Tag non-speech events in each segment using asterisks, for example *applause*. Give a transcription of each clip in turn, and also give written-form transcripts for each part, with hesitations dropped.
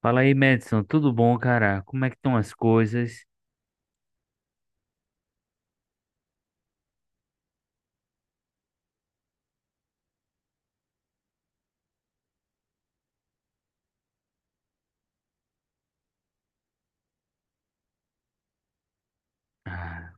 Fala aí, Madison, tudo bom, cara? Como é que estão as coisas? Ah,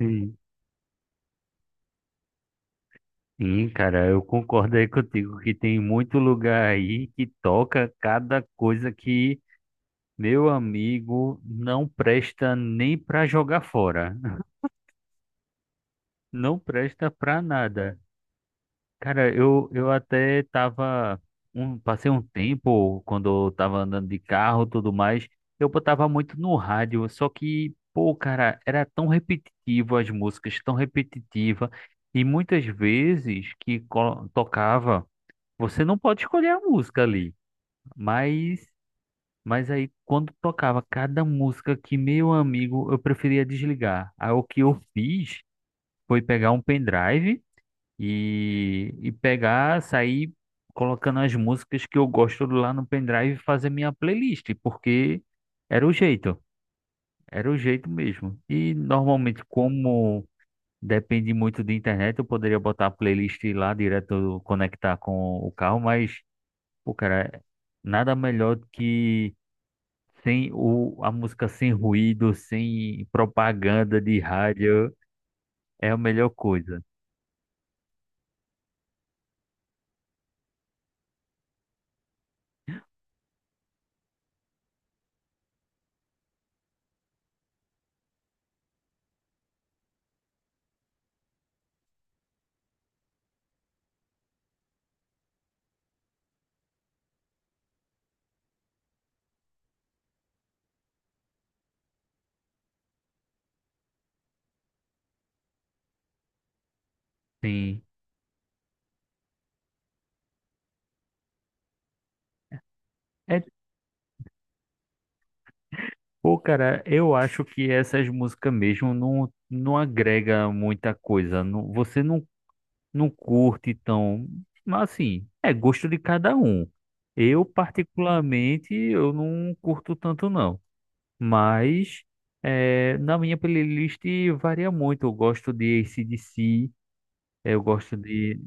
sim, sim, cara, eu concordo aí contigo que tem muito lugar aí que toca cada coisa que, meu amigo, não presta nem pra jogar fora. *laughs* Não presta pra nada. Cara, eu até tava. Passei um tempo quando eu tava andando de carro e tudo mais. Eu botava muito no rádio, só que, pô, cara, era tão repetitivo as músicas, tão repetitiva. E muitas vezes que tocava, você não pode escolher a música ali. Mas, mas aí quando tocava cada música que meu amigo, eu preferia desligar. Aí o que eu fiz foi pegar um pendrive. E pegar, sair colocando as músicas que eu gosto lá no pendrive e fazer minha playlist, porque era o jeito, era o jeito mesmo. E normalmente, como depende muito de internet, eu poderia botar a playlist lá direto, conectar com o carro, mas, pô, cara, nada melhor do que sem o, a música sem ruído, sem propaganda de rádio, é a melhor coisa. Sim. é Pô, cara, eu acho que essas músicas mesmo não agrega muita coisa. Não, você não, não curte tão. Mas assim, é gosto de cada um. Eu, particularmente, eu não curto tanto, não. Mas é, na minha playlist varia muito. Eu gosto de AC/DC, eu gosto de.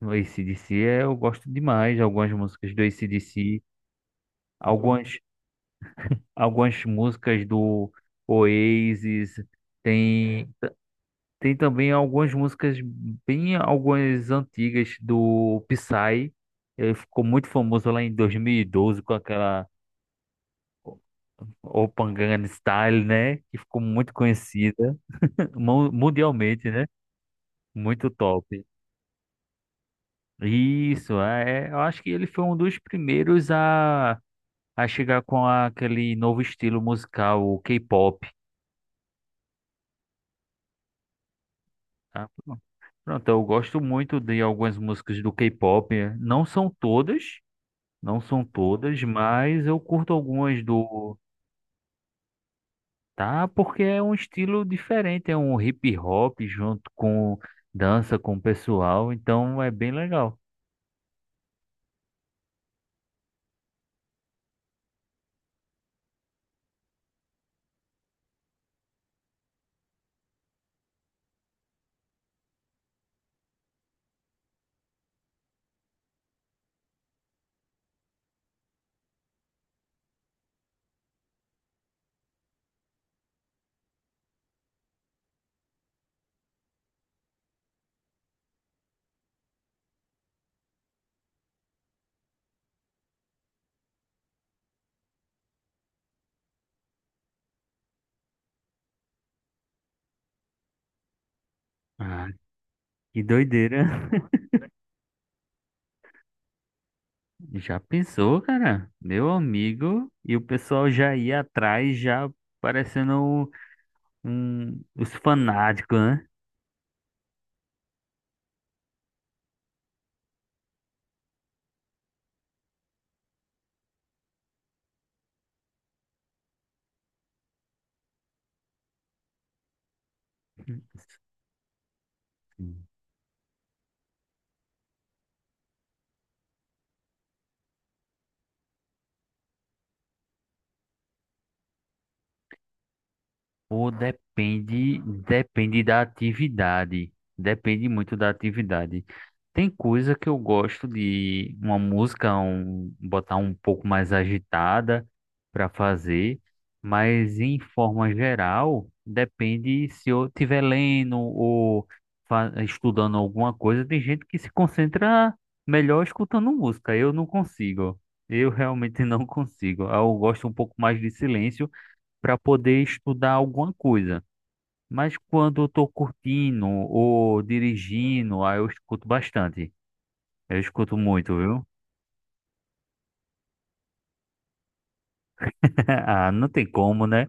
No AC/DC é, eu gosto demais. Algumas músicas do AC/DC, algumas algumas músicas do Oasis, tem, tem também algumas músicas bem algumas antigas do Psy. Ele ficou muito famoso lá em 2012 com aquela Open Gangnam Style, né? Que ficou muito conhecida *laughs* mundialmente, né? Muito top. Isso, é, é, eu acho que ele foi um dos primeiros a chegar com aquele novo estilo musical, o K-pop. Tá? Pronto, eu gosto muito de algumas músicas do K-pop. Não são todas, não são todas, mas eu curto algumas do. Tá, porque é um estilo diferente, é um hip hop junto com dança com o pessoal, então é bem legal. Ah, que doideira. *laughs* Já pensou, cara? Meu amigo, e o pessoal já ia atrás, já parecendo um, os fanáticos, né? Ou depende da atividade. Depende muito da atividade. Tem coisa que eu gosto de uma música, botar um pouco mais agitada para fazer, mas em forma geral, depende se eu estiver lendo ou estudando alguma coisa. Tem gente que se concentra melhor escutando música. Eu não consigo. Eu realmente *laughs* não consigo. Eu gosto um pouco mais de silêncio para poder estudar alguma coisa. Mas quando eu tô curtindo ou dirigindo, aí eu escuto bastante. Eu escuto muito, viu? *laughs* Ah, não tem como, né?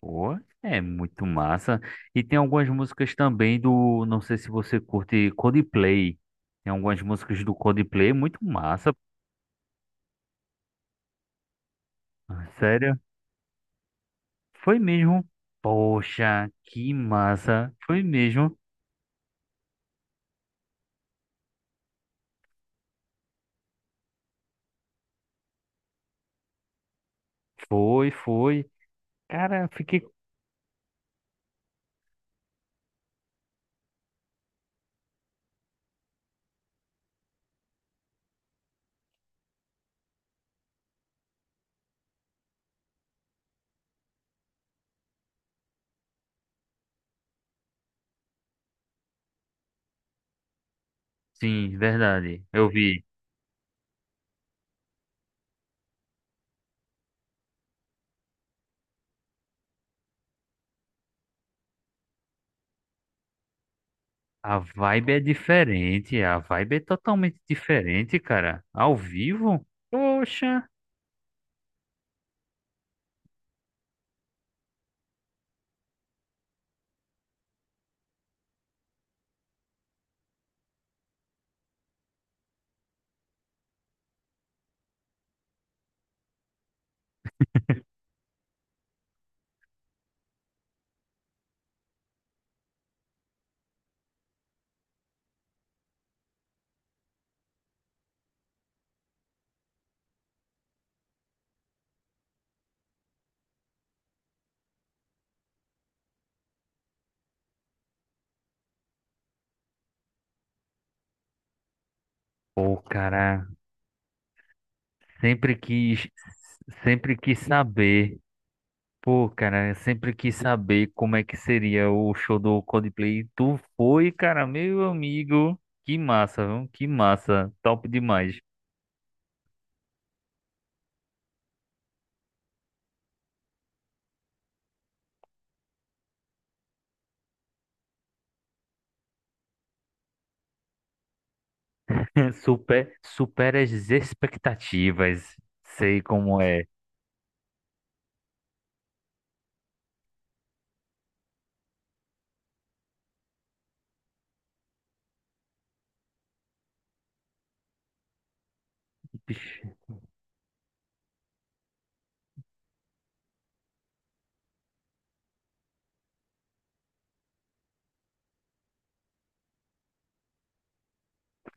Pô, é muito massa. E tem algumas músicas também do, não sei se você curte Coldplay. Tem algumas músicas do Coldplay muito massa. Sério? Foi mesmo. Poxa, que massa. Foi mesmo. Foi, foi. Cara, fiquei. Sim, verdade. Eu vi. A vibe é diferente, a vibe é totalmente diferente, cara. Ao vivo? Poxa. Pô, cara, sempre quis, sempre quis saber. Pô, cara, eu sempre quis saber como é que seria o show do Coldplay. Tu foi, cara, meu amigo. Que massa, viu? Que massa. Top demais. *laughs* Super, supera as expectativas. Sei como é.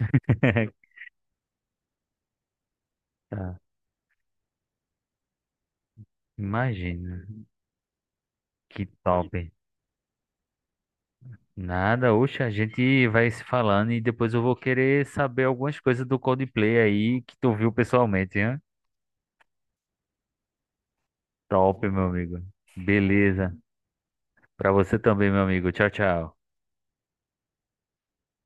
*laughs* Tá, imagina. Que top. Nada, oxe, a gente vai se falando e depois eu vou querer saber algumas coisas do Coldplay aí que tu viu pessoalmente, hein? Top, meu amigo. Beleza. Pra você também, meu amigo. Tchau, tchau.